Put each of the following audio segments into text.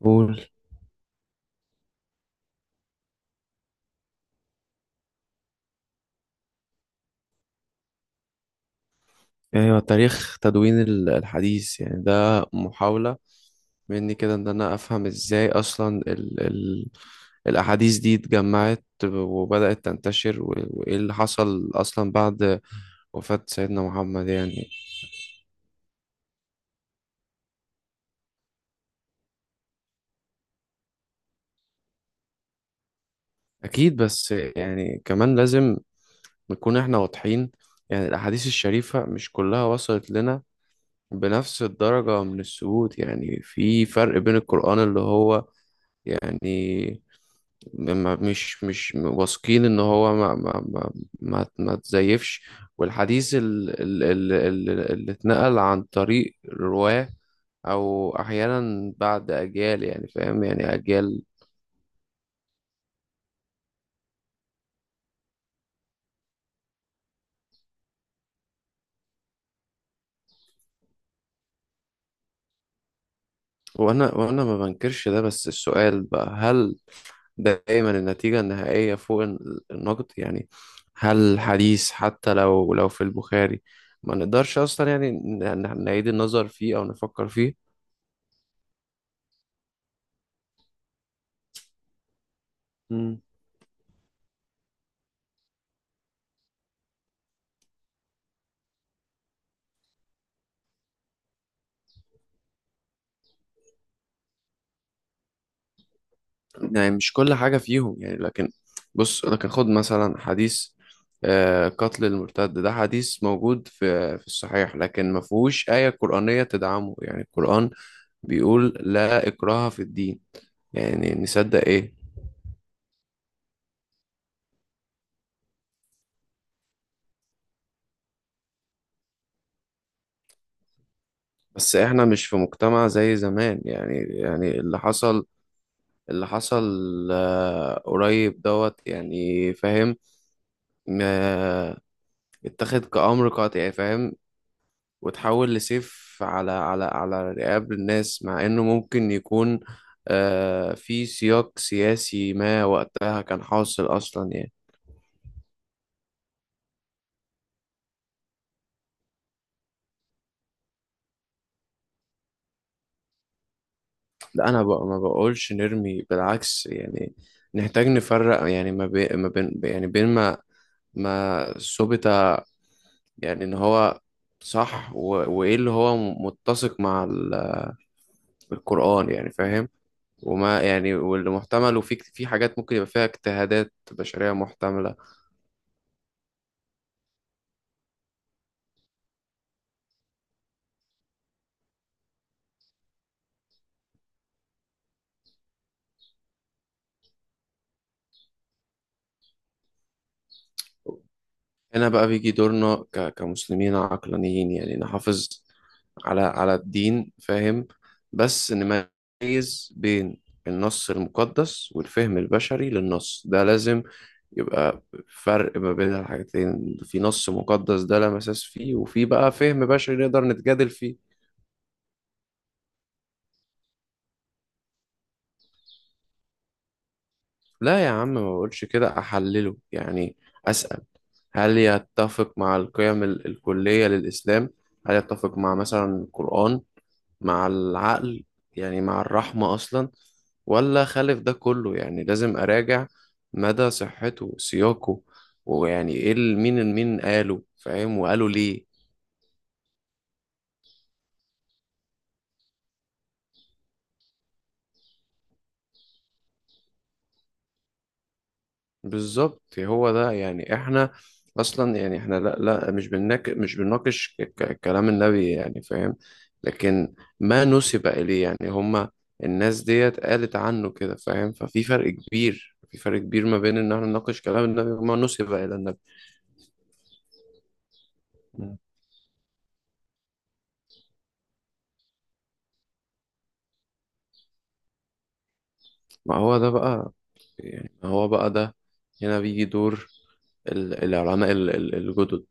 قول، ايوه، تاريخ تدوين الحديث يعني ده محاولة مني كده ان انا افهم ازاي اصلا ال الاحاديث دي اتجمعت وبدأت تنتشر، وايه اللي حصل اصلا بعد وفاة سيدنا محمد يعني. اكيد، بس يعني كمان لازم نكون احنا واضحين. يعني الاحاديث الشريفة مش كلها وصلت لنا بنفس الدرجة من الثبوت، يعني في فرق بين القرآن اللي هو يعني مش واثقين ان هو ما تزيفش، والحديث اللي اتنقل عن طريق رواه او احيانا بعد اجيال يعني فاهم، يعني اجيال. وانا ما بنكرش ده، بس السؤال بقى: هل دايما النتيجة النهائية فوق النقد؟ يعني هل الحديث حتى لو في البخاري ما نقدرش اصلا يعني نعيد النظر فيه او نفكر فيه؟ مم. يعني مش كل حاجة فيهم يعني، لكن بص، لكن خد مثلا حديث قتل المرتد. ده حديث موجود في الصحيح، لكن ما فيهوش آية قرآنية تدعمه، يعني القرآن بيقول: لا إكراه في الدين. يعني نصدق إيه؟ بس إحنا مش في مجتمع زي زمان يعني. يعني اللي حصل، اللي حصل، قريب دوت يعني فاهم. آه، اتخذ كأمر قاطع يعني فاهم، وتحول لسيف على على رقاب الناس، مع انه ممكن يكون في سياق سياسي ما وقتها كان حاصل اصلا يعني. لا انا بق ما بقولش نرمي، بالعكس يعني. نحتاج نفرق يعني ما بين ما بين، يعني بين ما ما ثبت يعني ان هو صح، وايه اللي هو متسق مع القرآن يعني فاهم، وما يعني واللي محتمل، وفي حاجات ممكن يبقى فيها اجتهادات بشرية محتملة. هنا بقى بيجي دورنا كمسلمين عقلانيين يعني نحافظ على الدين فاهم، بس نميز بين النص المقدس والفهم البشري للنص. ده لازم يبقى فرق ما بين الحاجتين: في نص مقدس ده لا مساس فيه، وفي بقى فهم بشري نقدر نتجادل فيه. لا يا عم، ما بقولش كده، أحلله يعني، أسأل: هل يتفق مع القيم الكلية للإسلام؟ هل يتفق مع مثلا القرآن، مع العقل، يعني مع الرحمة أصلا، ولا خالف ده كله؟ يعني لازم أراجع مدى صحته، سياقه، ويعني إيه مين قاله فاهم، وقاله ليه. بالظبط، هو ده يعني. إحنا أصلا يعني إحنا لا مش بنناقش كلام النبي يعني فاهم، لكن ما نسب إليه يعني. هما الناس ديت قالت عنه كده فاهم. ففي فرق كبير، ما بين إن إحنا نناقش كلام النبي وما نسب إلى النبي. ما هو ده بقى، يعني ما هو بقى ده. هنا بيجي دور العلماء الجدد.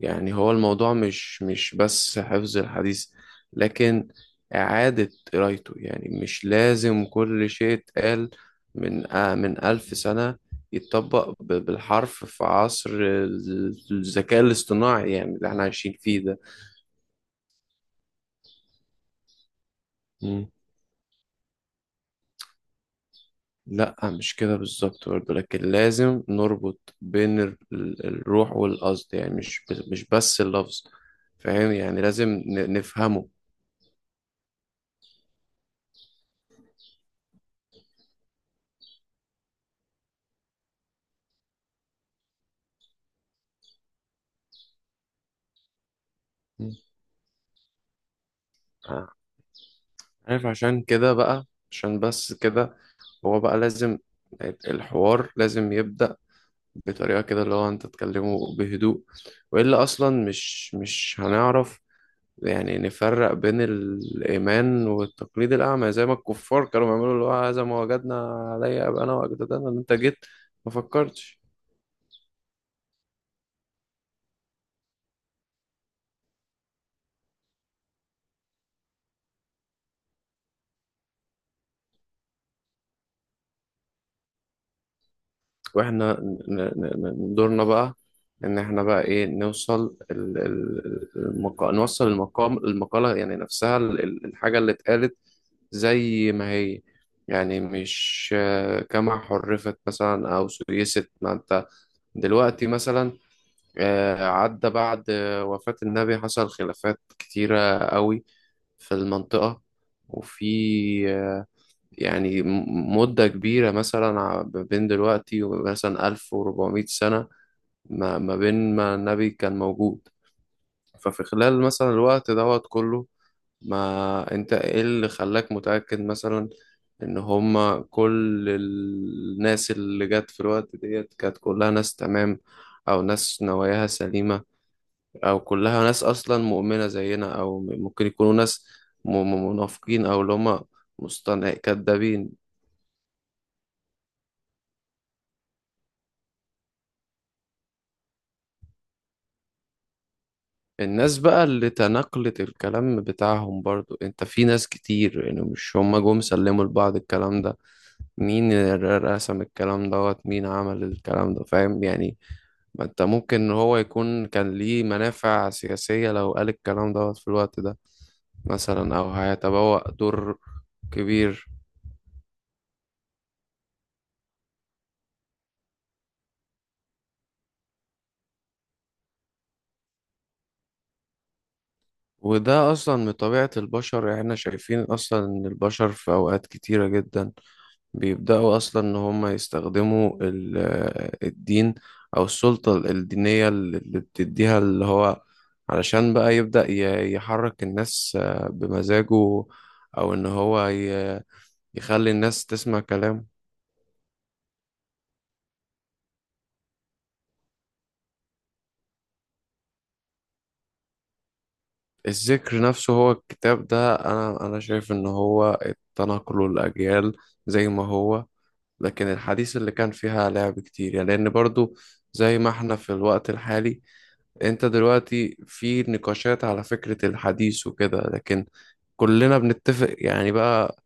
يعني هو الموضوع مش بس حفظ الحديث، لكن إعادة قرايته. يعني مش لازم كل شيء اتقال من من ألف سنة يتطبق بالحرف في عصر الذكاء الاصطناعي يعني اللي احنا عايشين فيه. ده لا، مش كده بالظبط برضه، لكن لازم نربط بين الروح والقصد، يعني مش بس اللفظ فاهم. يعني لازم نفهمه. مم. آه، عارف، عشان كده بقى، عشان بس كده، هو بقى لازم الحوار لازم يبدأ بطريقة كده اللي هو انت تكلمه بهدوء، وإلا أصلا مش هنعرف يعني نفرق بين الإيمان والتقليد الأعمى، زي ما الكفار كانوا بيعملوا، اللي هو: هذا ما وجدنا عليه أباءنا وأجدادنا. إن أنت جيت ما فكرتش. وإحنا دورنا بقى، إن إحنا بقى إيه، نوصل المقا... نوصل المقام، المقالة يعني نفسها، الحاجة اللي اتقالت زي ما هي، يعني مش كما حرفت مثلا أو سيست. ما أنت دلوقتي مثلا، عدى بعد وفاة النبي حصل خلافات كتيرة قوي في المنطقة، وفي آه، يعني مدة كبيرة مثلا ما بين دلوقتي ومثلا 1400 سنة ما ما بين ما النبي كان موجود. ففي خلال مثلا الوقت دوت كله، ما انت ايه اللي خلاك متأكد مثلا ان هما كل الناس اللي جت في الوقت ديت كانت كلها ناس تمام، او ناس نواياها سليمة، او كلها ناس اصلا مؤمنه زينا، او ممكن يكونوا ناس منافقين، او اللي هم مصطنع كدابين. الناس بقى اللي تناقلت الكلام بتاعهم برضو، انت في ناس كتير يعني مش هم جم سلموا لبعض الكلام ده. مين رسم الكلام دوت؟ مين عمل الكلام ده فاهم؟ يعني ما انت ممكن هو يكون كان ليه منافع سياسية لو قال الكلام دوت في الوقت ده، مثلا، او هيتبوأ دور كبير. وده أصلا من طبيعة البشر يعني. احنا شايفين أصلا إن البشر في أوقات كتيرة جدا بيبدأوا أصلا إن هما يستخدموا الدين أو السلطة الدينية اللي بتديها اللي هو، علشان بقى يبدأ يحرك الناس بمزاجه، أو إن هو يخلي الناس تسمع كلامه. الذكر نفسه هو الكتاب ده. أنا شايف إن هو التنقل الأجيال زي ما هو، لكن الحديث اللي كان فيها لعب كتير يعني، لأن برضو زي ما احنا في الوقت الحالي انت دلوقتي في نقاشات على فكرة الحديث وكده. لكن كلنا بنتفق يعني بقى،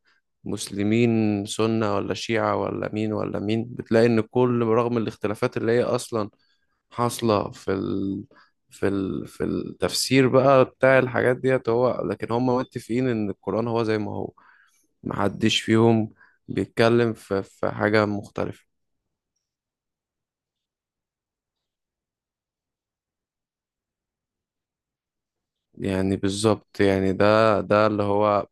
مسلمين سنة ولا شيعة ولا مين ولا مين، بتلاقي ان كل، رغم الاختلافات اللي هي اصلا حاصلة في التفسير بقى بتاع الحاجات ديت، هو، لكن هم متفقين ان القرآن هو زي ما هو. محدش فيهم بيتكلم في حاجة مختلفة. يعني بالظبط، يعني ده اللي هو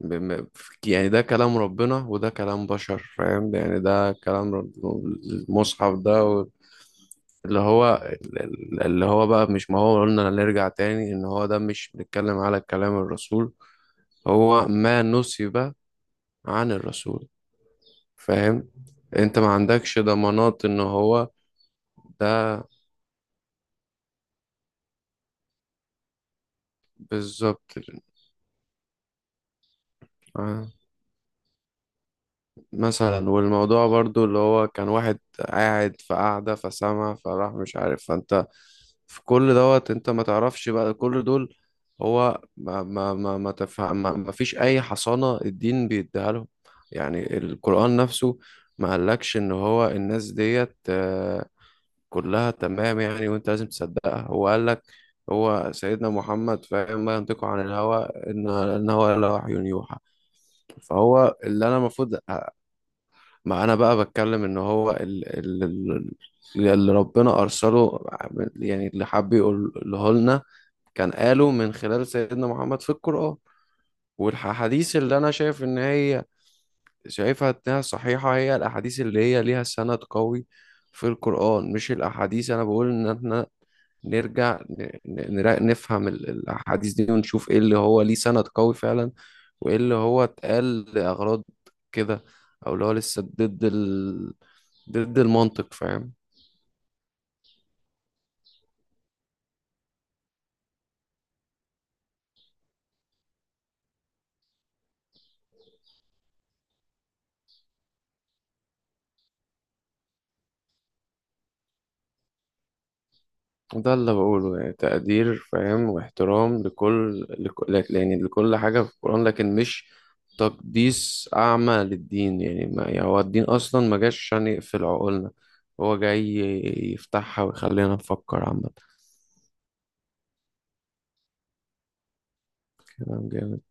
ب- م- يعني ده كلام ربنا وده كلام بشر فاهم. يعني ده المصحف ده اللي هو اللي هو بقى مش، ما هو قلنا نرجع تاني ان هو ده مش بنتكلم على كلام الرسول، هو ما نسب عن الرسول فاهم. انت ما عندكش ضمانات ان هو ده بالظبط. آه. مثلا، والموضوع برضو اللي هو كان واحد قاعد في قعدة فسمع فراح مش عارف، فانت في كل دوت انت ما تعرفش بقى كل دول. هو ما ما ما ما تفهم ما فيش اي حصانة الدين بيديها لهم. يعني القرآن نفسه ما قالكش ان هو الناس ديت كلها تمام يعني وانت لازم تصدقها. هو قالك هو سيدنا محمد فاهم: ما ينطق عن الهوى، ان هو الا وحي يوحى. فهو اللي انا المفروض. ما انا بقى بتكلم ان هو اللي ربنا ارسله، يعني اللي حب يقوله لنا كان قاله من خلال سيدنا محمد في القرآن. والحديث اللي انا شايف ان هي شايفها انها صحيحة، هي الاحاديث اللي هي ليها سند قوي في القرآن، مش الاحاديث. انا بقول ان احنا نرجع نفهم الاحاديث دي ونشوف ايه اللي هو ليه سند قوي فعلا، وايه اللي هو اتقال لاغراض كده، او اللي هو لسه ضد المنطق فاهم. ده اللي بقوله يعني: تقدير فاهم واحترام لكل يعني لكل حاجة في القرآن، لكن مش تقديس أعمى للدين. يعني ما يعني هو الدين أصلا ما جاش عشان يقفل عقولنا، هو جاي يفتحها ويخلينا نفكر عامة. كلام جامد.